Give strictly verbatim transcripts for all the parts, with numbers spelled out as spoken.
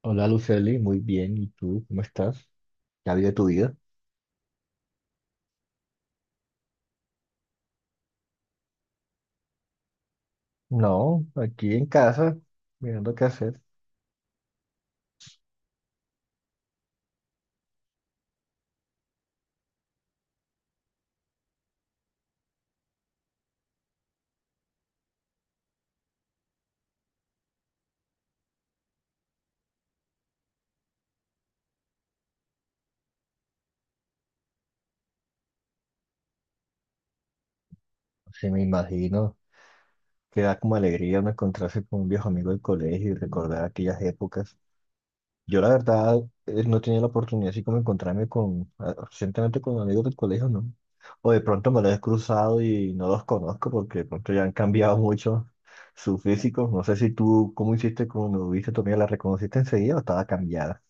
Hola, Luceli, muy bien. ¿Y tú cómo estás? ¿Ya vi de tu vida? No, aquí en casa, mirando qué hacer. Sí, me imagino que da como alegría uno encontrarse con un viejo amigo del colegio y recordar aquellas épocas. Yo la verdad eh, no tenía la oportunidad así como encontrarme con, ah, recientemente con amigos del colegio, ¿no? O de pronto me los he cruzado y no los conozco porque de pronto ya han cambiado mucho su físico. No sé si tú, ¿cómo hiciste cuando viste a tu amiga? ¿La reconociste enseguida o estaba cambiada?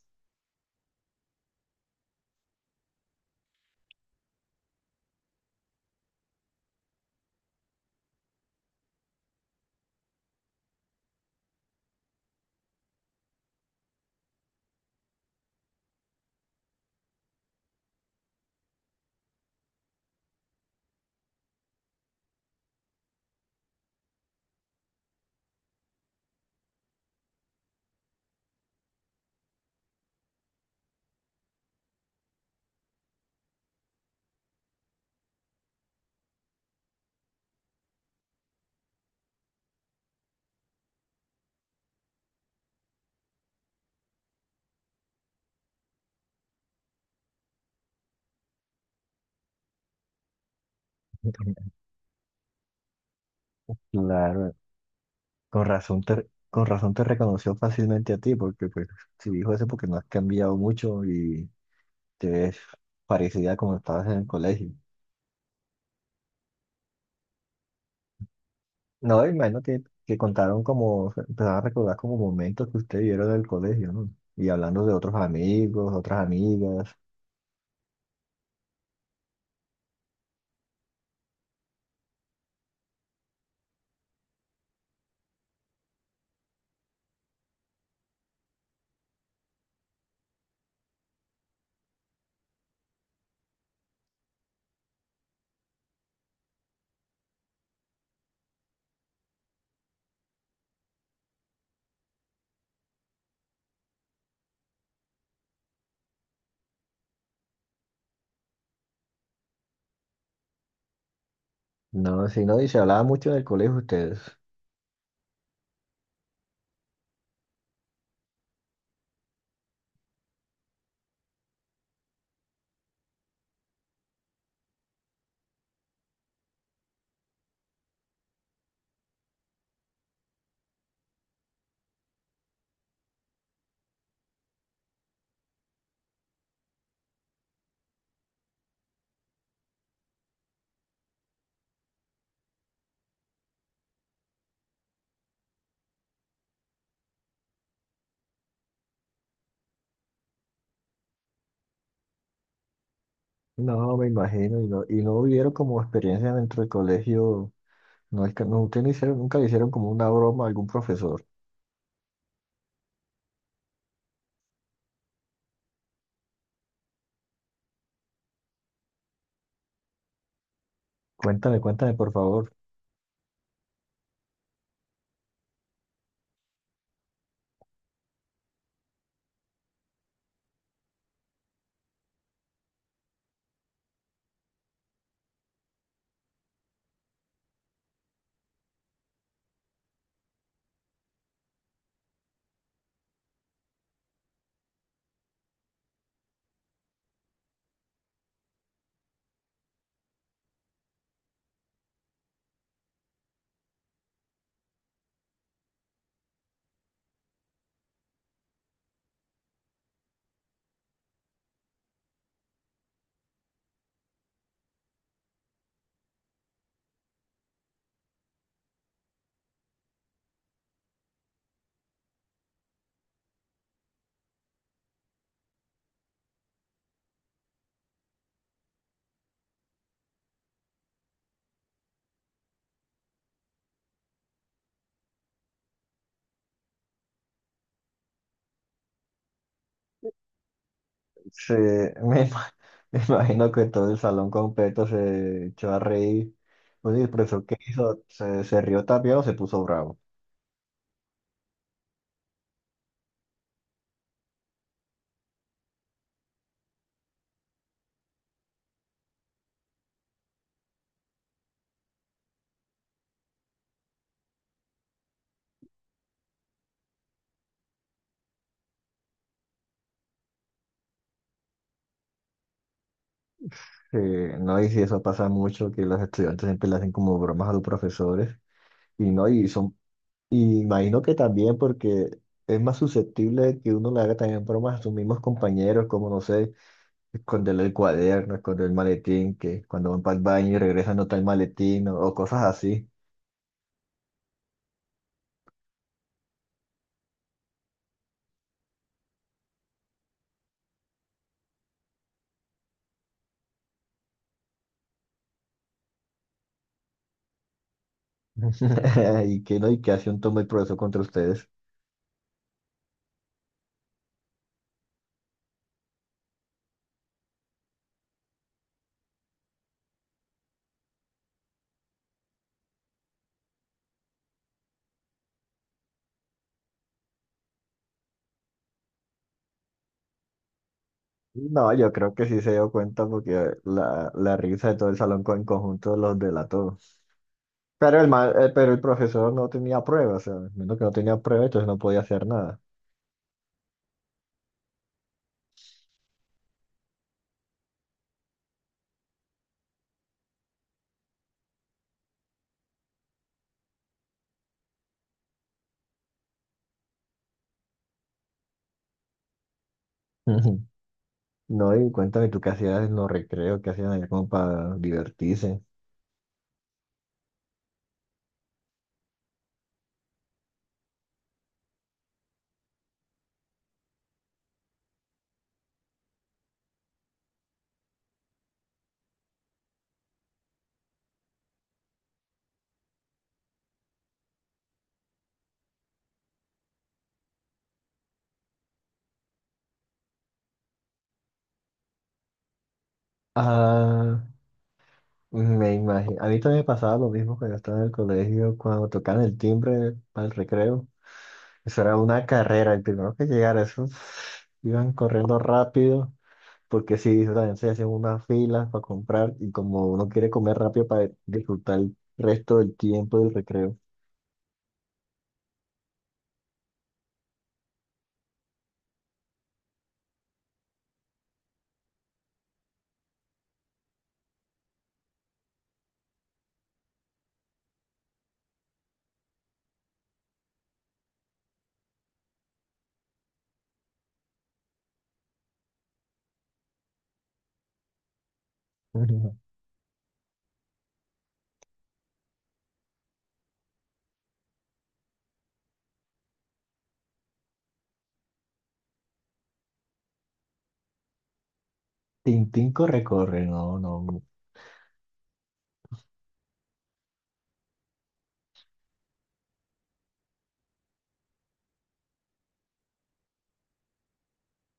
Claro, Con razón te, con razón te reconoció fácilmente a ti, porque pues si dijo eso porque no has cambiado mucho y te ves parecida como estabas en el colegio. No, imagino que, que contaron como, empezaron a recordar como momentos que ustedes vieron en el colegio, ¿no? Y hablando de otros amigos, otras amigas. No, si no, y se hablaba mucho del colegio ustedes. No, me imagino, y no, y no vivieron como experiencia dentro del colegio. No, es que no, ustedes no hicieron, nunca le hicieron como una broma a algún profesor. Cuéntame, cuéntame, por favor. Sí, me, ima- me imagino que todo el salón completo se echó a reír. Pues, ¿y el profesor qué hizo? ¿Se, se rió también o se puso bravo? Sí, no, y si eso pasa mucho, que los estudiantes siempre le hacen como bromas a los profesores. Y no, y son, y imagino que también porque es más susceptible que uno le haga también bromas a sus mismos compañeros, como no sé, esconderle el cuaderno, esconder el maletín, que cuando van para el baño y regresan no está el maletín o o cosas así. ¿Y qué, no? ¿Y qué acción tomó el profesor contra ustedes? No, yo creo que sí se dio cuenta porque la, la risa de todo el salón co- en conjunto los delató. Pero el, ma- eh, pero el profesor no tenía pruebas, o sea, menos que no tenía pruebas, entonces no podía hacer nada. Ujú. No, y cuéntame tú qué hacías en los recreos, qué hacían allá como para divertirse. Ah, me imagino. A mí también me pasaba lo mismo cuando estaba en el colegio, cuando tocaban el timbre para el recreo. Eso era una carrera, el primero que llegara, esos iban corriendo rápido, porque sí, eso también se hacían unas filas para comprar y como uno quiere comer rápido para disfrutar el resto del tiempo del recreo. Tintín corre, corre, no, no,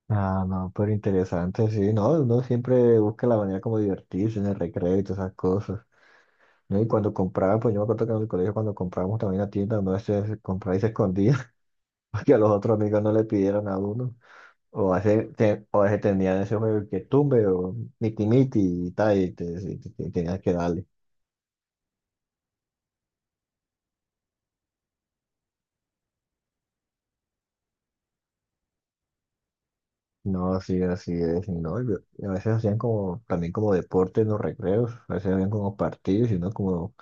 ah, no, pero interesante, sí, no, uno siempre busca la manera como divertirse en el recreo y todas esas cosas, ¿no? Y cuando compraba, pues yo me acuerdo que en el colegio cuando comprábamos también a tienda, uno a veces compraba y se escondía, para que a los otros amigos no le pidieran a uno. O hace, te- o ese tendrían ese juego que tumbe o miti miti y tal, y, te, y te- te- tenías que darle. No, sí, así es, y no, y y a veces hacían como, también como deporte en los recreos, a veces habían como partidos y uno como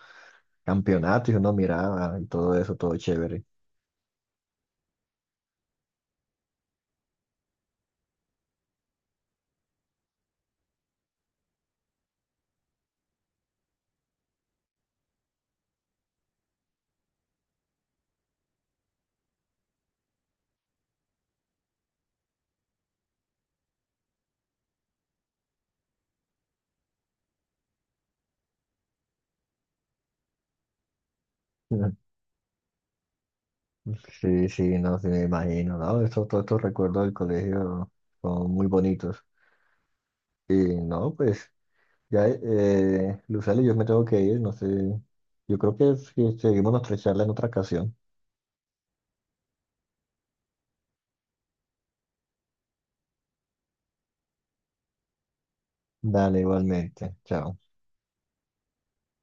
campeonatos y uno miraba y todo eso, todo chévere. Sí, sí, no, sí me imagino, ¿no? Estos, todos estos recuerdos del colegio son muy bonitos. Y no, pues, ya, eh, Lucely, yo me tengo que ir, no sé, yo creo que si seguimos nuestra charla en otra ocasión. Dale, igualmente. Chao.